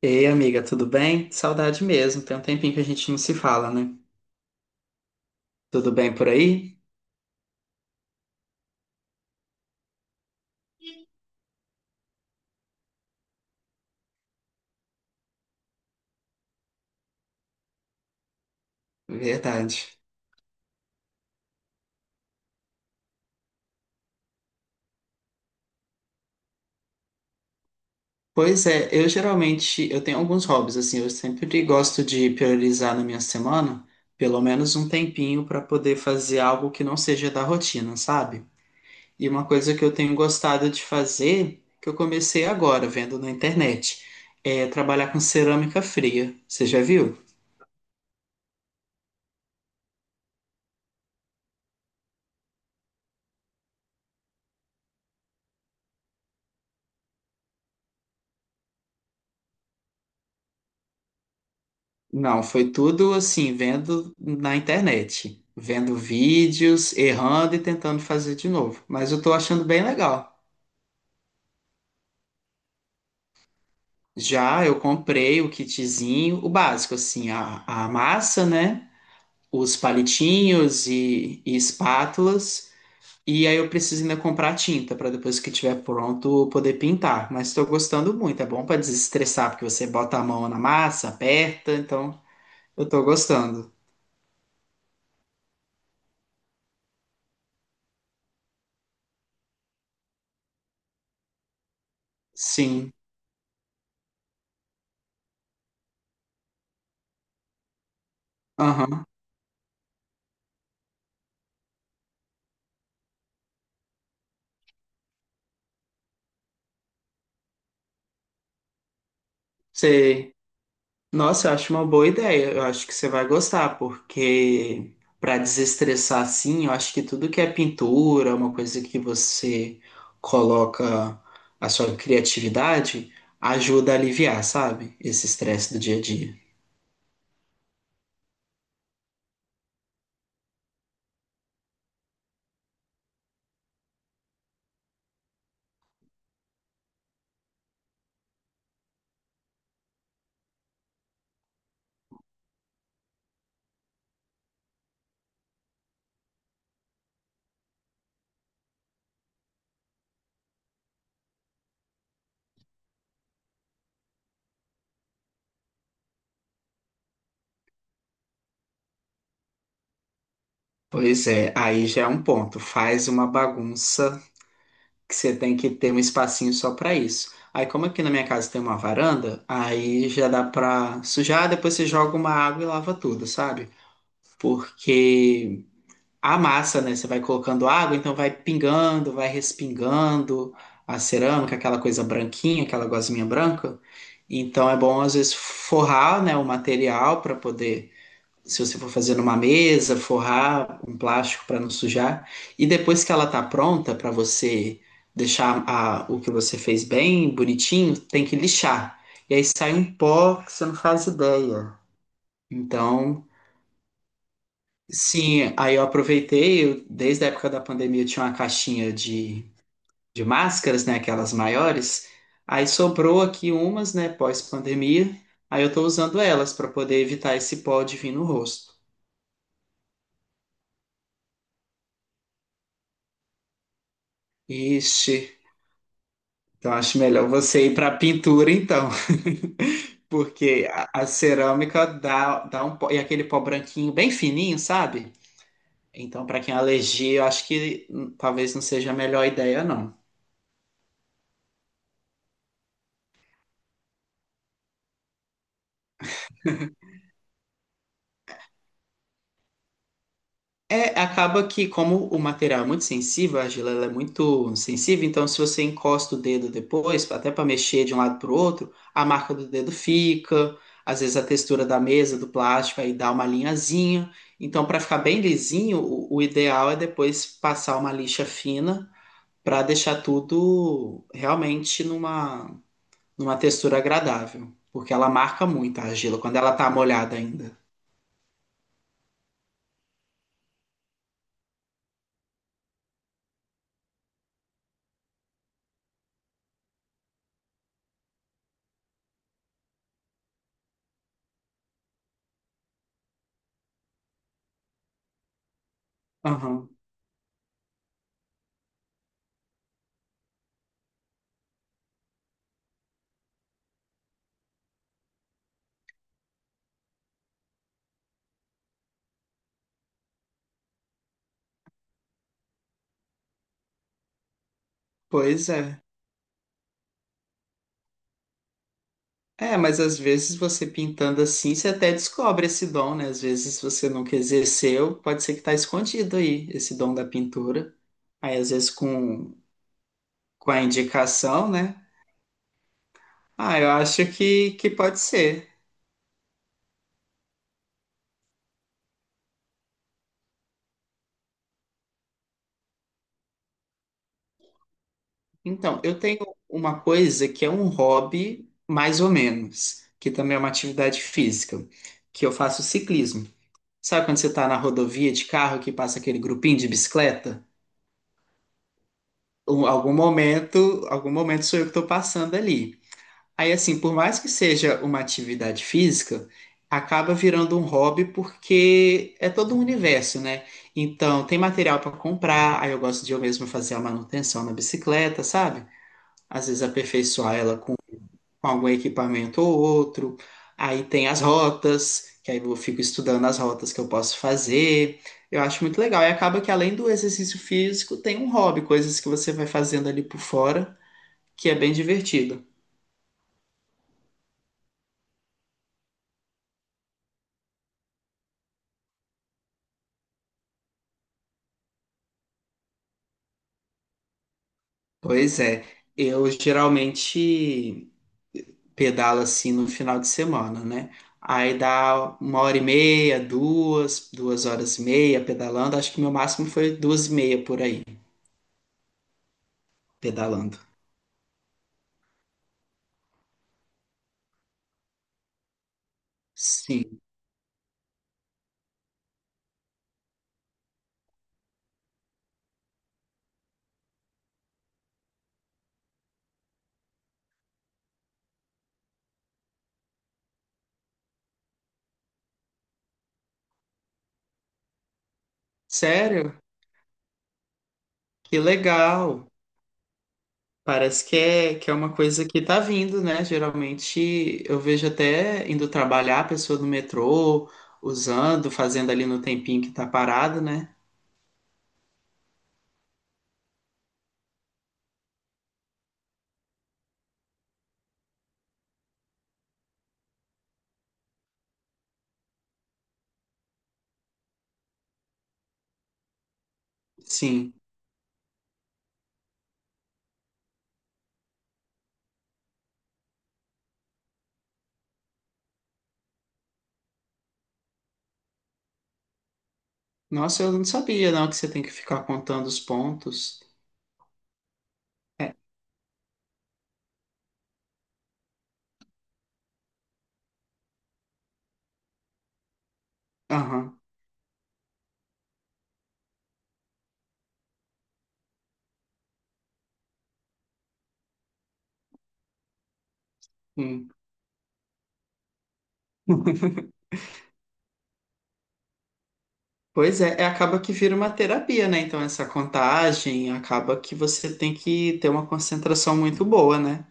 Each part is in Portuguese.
Ei, amiga, tudo bem? Saudade mesmo. Tem um tempinho que a gente não se fala, né? Tudo bem por aí? Verdade. Pois é, eu geralmente eu tenho alguns hobbies assim, eu sempre gosto de priorizar na minha semana pelo menos um tempinho para poder fazer algo que não seja da rotina, sabe? E uma coisa que eu tenho gostado de fazer, que eu comecei agora vendo na internet, é trabalhar com cerâmica fria. Você já viu? Não, foi tudo assim, vendo na internet, vendo vídeos, errando e tentando fazer de novo. Mas eu tô achando bem legal. Já eu comprei o kitzinho, o básico, assim, a massa, né? Os palitinhos e espátulas. E aí eu preciso ainda comprar tinta para depois que estiver pronto eu poder pintar. Mas estou gostando muito, é bom para desestressar, porque você bota a mão na massa, aperta, então eu tô gostando. Sim, aham. Sei. Nossa, eu acho uma boa ideia. Eu acho que você vai gostar, porque para desestressar assim, eu acho que tudo que é pintura, uma coisa que você coloca a sua criatividade, ajuda a aliviar, sabe? Esse estresse do dia a dia. Pois é, aí já é um ponto. Faz uma bagunça que você tem que ter um espacinho só para isso. Aí, como aqui na minha casa tem uma varanda, aí já dá pra sujar, depois você joga uma água e lava tudo, sabe? Porque a massa, né? Você vai colocando água, então vai pingando, vai respingando a cerâmica, aquela coisa branquinha, aquela gosminha branca. Então é bom às vezes forrar, né, o material para poder, se você for fazer numa mesa, forrar um plástico para não sujar. E depois que ela tá pronta para você deixar o que você fez bem bonitinho, tem que lixar. E aí sai um pó que você não faz ideia. Então sim, aí eu aproveitei, desde a época da pandemia eu tinha uma caixinha de máscaras, né, aquelas maiores, aí sobrou aqui umas, né, pós-pandemia, aí eu tô usando elas para poder evitar esse pó de vir no rosto. Ixi, então acho melhor você ir para pintura então, porque a cerâmica dá um pó, e aquele pó branquinho bem fininho, sabe? Então para quem é alergia, eu acho que talvez não seja a melhor ideia não. É, acaba que, como o material é muito sensível, a argila ela é muito sensível, então se você encosta o dedo depois, até para mexer de um lado para o outro, a marca do dedo fica, às vezes a textura da mesa, do plástico, aí dá uma linhazinha. Então, para ficar bem lisinho, o ideal é depois passar uma lixa fina para deixar tudo realmente numa, numa textura agradável, porque ela marca muito a argila quando ela tá molhada ainda. Aham, pois é. É, mas às vezes você pintando assim, você até descobre esse dom, né? Às vezes você nunca exerceu, pode ser que tá escondido aí, esse dom da pintura. Aí às vezes com a indicação, né? Ah, eu acho que pode ser. Então, eu tenho uma coisa que é um hobby, mais ou menos, que também é uma atividade física, que eu faço ciclismo. Sabe quando você tá na rodovia de carro que passa aquele grupinho de bicicleta? Algum momento, algum momento sou eu que tô passando ali. Aí, assim, por mais que seja uma atividade física, acaba virando um hobby porque é todo um universo, né? Então, tem material para comprar, aí eu gosto de eu mesmo fazer a manutenção na bicicleta, sabe? Às vezes aperfeiçoar ela com algum equipamento ou outro. Aí tem as rotas, que aí eu fico estudando as rotas que eu posso fazer. Eu acho muito legal. E acaba que além do exercício físico, tem um hobby, coisas que você vai fazendo ali por fora, que é bem divertido. Pois é, eu geralmente pedalo assim no final de semana, né? Aí dá uma hora e meia, duas, duas horas e meia pedalando. Acho que meu máximo foi duas e meia por aí, pedalando. Sim. Sério? Que legal! Parece que é uma coisa que tá vindo, né? Geralmente eu vejo até indo trabalhar a pessoa no metrô, usando, fazendo ali no tempinho que tá parado, né? Sim. Nossa, eu não sabia, não, que você tem que ficar contando os pontos. É, aham. Hum. Pois é, é, acaba que vira uma terapia, né? Então, essa contagem acaba que você tem que ter uma concentração muito boa, né?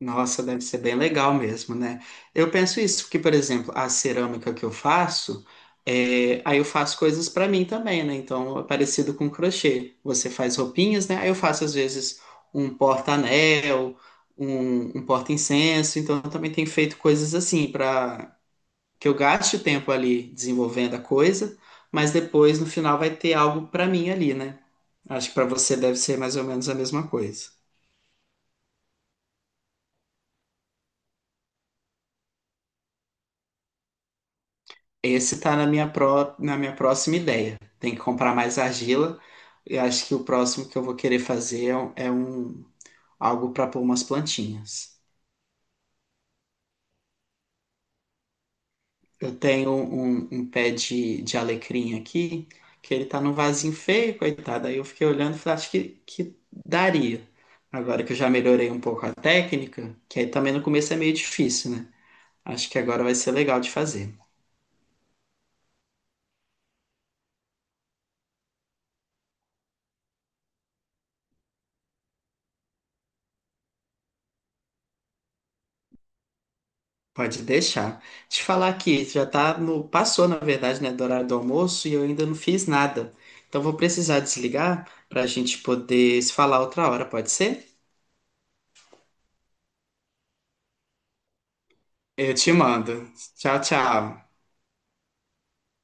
Nossa, deve ser bem legal mesmo, né? Eu penso isso, porque, por exemplo, a cerâmica que eu faço, é, aí eu faço coisas para mim também, né? Então, é parecido com crochê. Você faz roupinhas, né? Aí eu faço, às vezes, um porta-anel, um porta-incenso. Então, eu também tenho feito coisas assim, para que eu gaste tempo ali desenvolvendo a coisa, mas depois, no final, vai ter algo para mim ali, né? Acho que para você deve ser mais ou menos a mesma coisa. Esse tá na minha, na minha próxima ideia. Tem que comprar mais argila. E acho que o próximo que eu vou querer fazer é um, algo para pôr umas plantinhas. Eu tenho um, um pé de alecrim aqui, que ele tá num vasinho feio, coitado. Aí eu fiquei olhando e falei, acho que daria. Agora que eu já melhorei um pouco a técnica, que aí também no começo é meio difícil, né? Acho que agora vai ser legal de fazer. Pode deixar. Te falar aqui já tá no, passou, na verdade, né, do horário do almoço e eu ainda não fiz nada. Então vou precisar desligar para a gente poder se falar outra hora, pode ser? Eu te mando. Tchau, tchau.